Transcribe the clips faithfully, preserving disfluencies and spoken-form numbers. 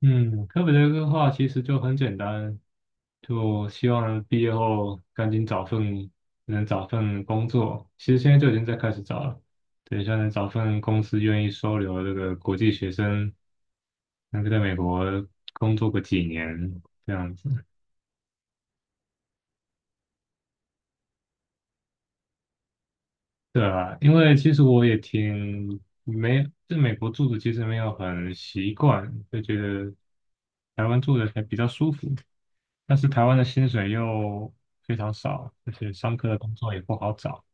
嗯，科比的话其实就很简单，就希望毕业后赶紧找份能找份工作。其实现在就已经在开始找了，等一下能找份公司愿意收留这个国际学生，能够在美国工作个几年这样子。对啊，因为其实我也挺没，在美国住的其实没有很习惯，就觉得台湾住的还比较舒服，但是台湾的薪水又非常少，而且上课的工作也不好找，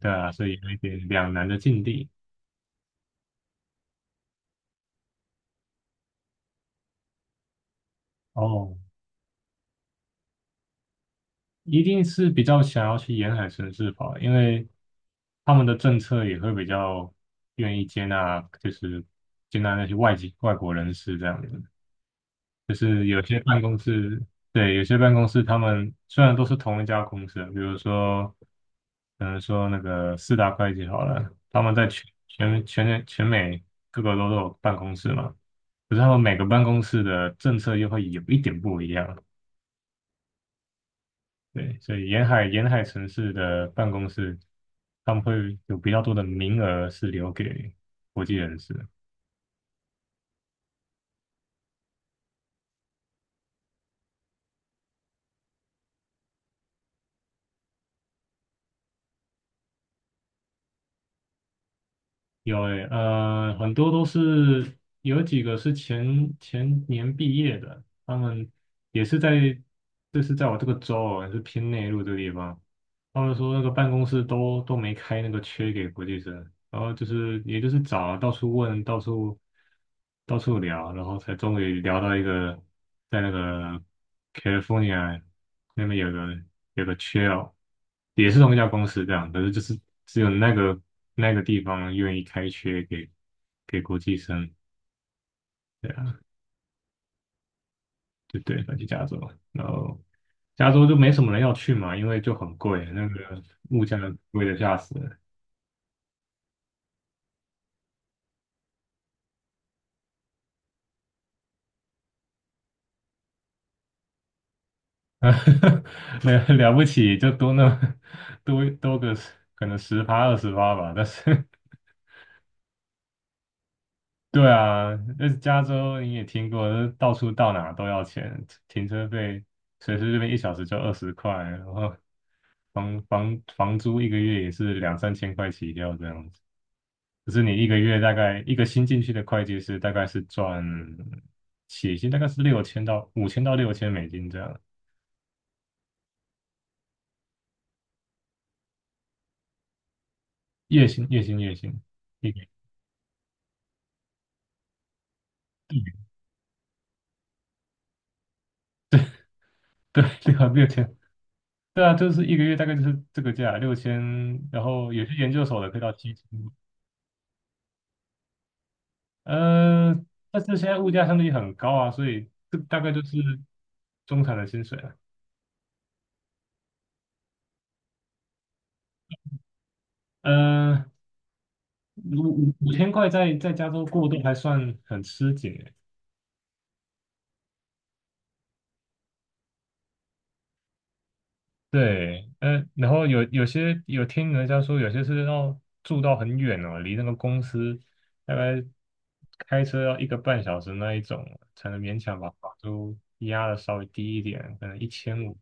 对啊，所以有一点两难的境地。哦，一定是比较想要去沿海城市跑，因为他们的政策也会比较愿意接纳，就是接纳那些外籍外国人士这样子。就是有些办公室，对，有些办公室他们虽然都是同一家公司啊，比如说，可能说那个四大会计好了，他们在全全全全美各个都有办公室嘛，可是他们每个办公室的政策又会有一点不一样，对，所以沿海沿海城市的办公室，他们会有比较多的名额是留给国际人士。有诶，呃，很多都是有几个是前前年毕业的，他们也是在，这是在我这个州哦，是偏内陆这个地方，他们说那个办公室都都没开那个缺给国际生，然后就是也就是找啊到处问，到处到处聊，然后才终于聊到一个在那个 California 那边有个有个缺哦，也是同一家公司这样，可是就是只有那个那个地方愿意开缺给给国际生，对啊，就对，反正加州，然后加州就没什么人要去嘛，因为就很贵，那个物价贵的吓死人。呃，了了不起，就多那 么多多个十可能十趴二十趴吧。但是，对啊，那加州你也听过，就是到处到哪都要钱，停车费随随便便一小时就二十块，然后房房房租一个月也是两三千块起跳这样子。可是你一个月大概一个新进去的会计师大概是赚起薪大概是六千到五千到六千美金这样，月薪月薪月薪。一个月 对，对啊，六千，对啊，就是一个月大概就是这个价，六千，然后有些研究所的可以到七千，呃，但是现在物价相对很高啊，所以这大概就是中产的薪水了。呃，五五五千块在在加州过渡还算很吃紧，对，呃，然后有有些有听人家说，有些是要住到很远哦，离那个公司大概开车要一个半小时那一种，才能勉强把房租压的稍微低一点，可能一千五。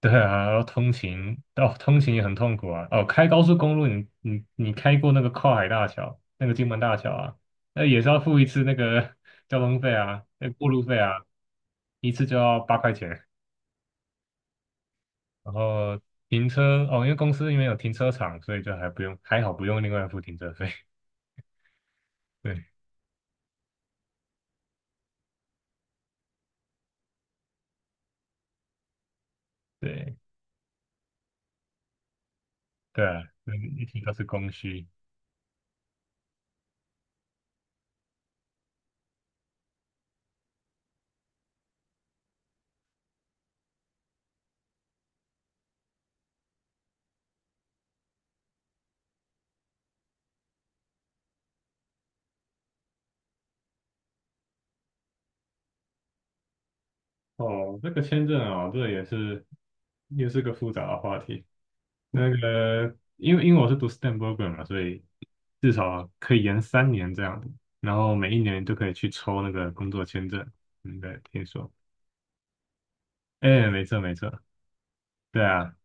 对啊，然后通勤，哦，通勤也很痛苦啊。哦，开高速公路你，你你开过那个跨海大桥，那个金门大桥啊，那也是要付一次那个 交通费啊，那过路费啊，一次就要八块钱。然后停车哦，因为公司因为有停车场，所以就还不用，还好不用另外付停车费。对对对啊，那一听都是供需。哦，这个签证哦，这也是又是个复杂的话题。那个，因为因为我是读 STEM program 嘛，所以至少可以延三年这样子，然后每一年都可以去抽那个工作签证。应该听说，哎，没错没错，对啊，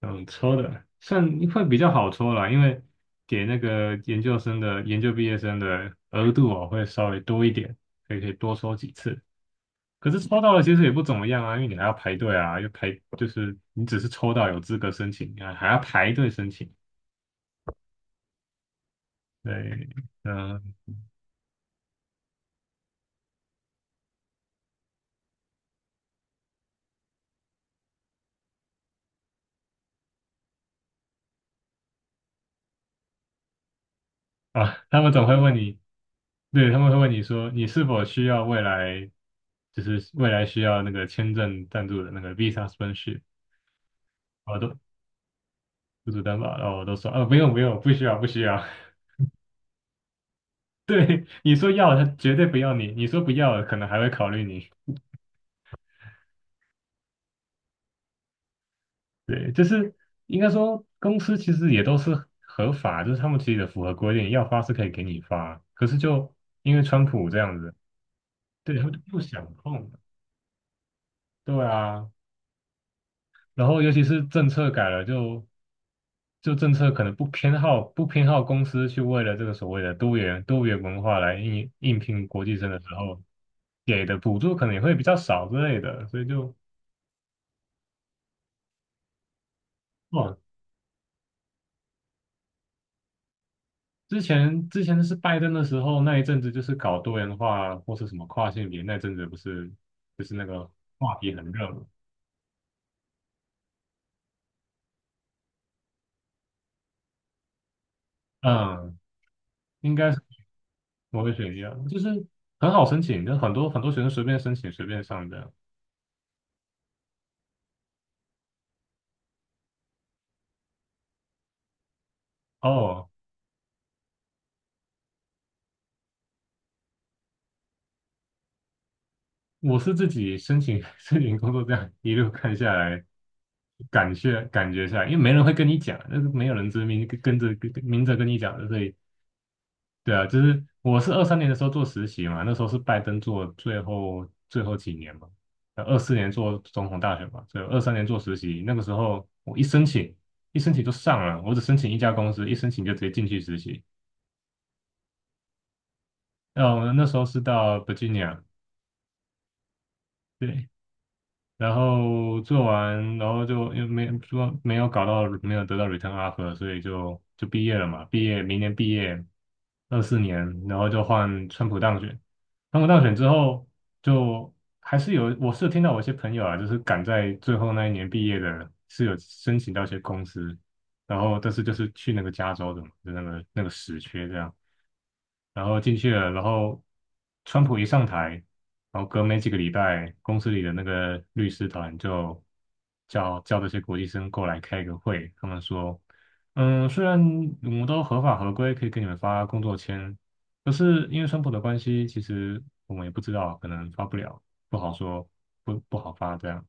嗯，抽的算会比较好抽啦，因为给那个研究生的研究毕业生的额度哦会稍微多一点，可以可以多抽几次。可是抽到了其实也不怎么样啊，因为你还要排队啊，又排就是你只是抽到有资格申请啊，还要排队申请。对，嗯啊，他们总会问你，对，他们会问你说你是否需要未来就是未来需要那个签证赞助的那个 visa sponsorship 啊。我都雇主担保，然后我都说啊，不用不用，不需要不需要。对，你说要，他绝对不要你；你说不要，可能还会考虑你。对，就是应该说，公司其实也都是合法，就是他们其实也符合规定，要发是可以给你发。可是就因为川普这样子，对，他们就不想碰。对啊，然后尤其是政策改了就，就政策可能不偏好不偏好公司去为了这个所谓的多元多元文化来应应聘国际生的时候，给的补助可能也会比较少之类的，所以就哦，之前之前是拜登的时候那一阵子就是搞多元化或是什么跨性别那阵子不是就是那个话题很热嘛，嗯，应该是我会选一就是很好申请，就很多很多学生随便申请随便上的哦，我是自己申请 申请工作，这样一路看下来，感谢感觉下来，因为没人会跟你讲，那是没有人知明跟跟着跟跟明着跟你讲的，所以对啊，就是我是二三年的时候做实习嘛，那时候是拜登做最后最后几年嘛，呃二四年做总统大选嘛，所以二三年做实习，那个时候我一申请一申请就上了，我只申请一家公司，一申请就直接进去实习，然后那时候是到 Virginia，对，然后做完，然后就又没说没有搞到，没有得到 return offer，所以就就毕业了嘛。毕业明年毕业，二四年，然后就换川普当选。川普当选之后，就还是有，我是有听到我一些朋友啊，就是赶在最后那一年毕业的，是有申请到一些公司，然后但是就是去那个加州的嘛，就那个那个死缺这样。然后进去了，然后川普一上台，然后隔没几个礼拜，公司里的那个律师团就叫叫这些国际生过来开个会，他们说，嗯，虽然我们都合法合规，可以给你们发工作签，可是因为川普的关系，其实我们也不知道，可能发不了，不好说，不不好发这样。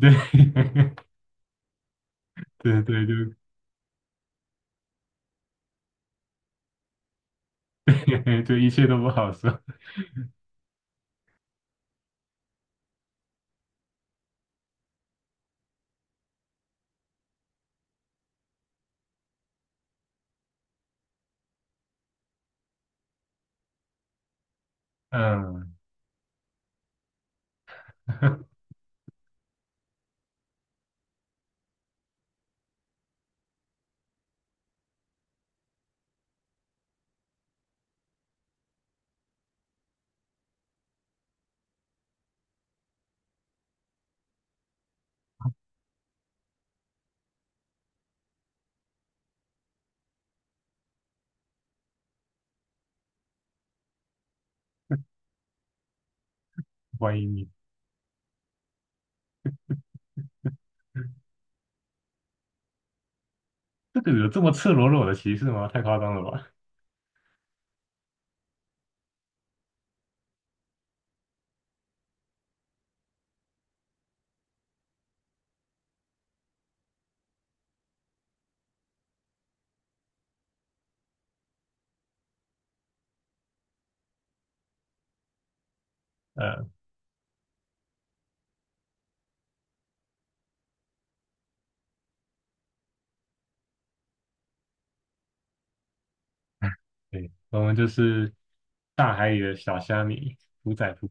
对，对对，对 对，一切都不好说。嗯，欢迎你。这个有这么赤裸裸的歧视吗？太夸张了吧？呃，对，我们就是大海里的小虾米，屠宰夫。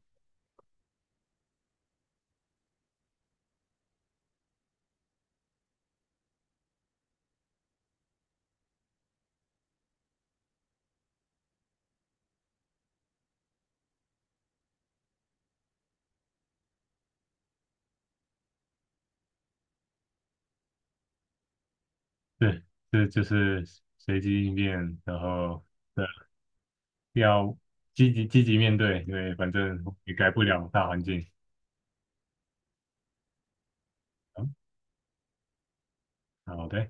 对，这就是随机应变，然后对，要积极积极面对，因为反正也改不了大环境。嗯好的。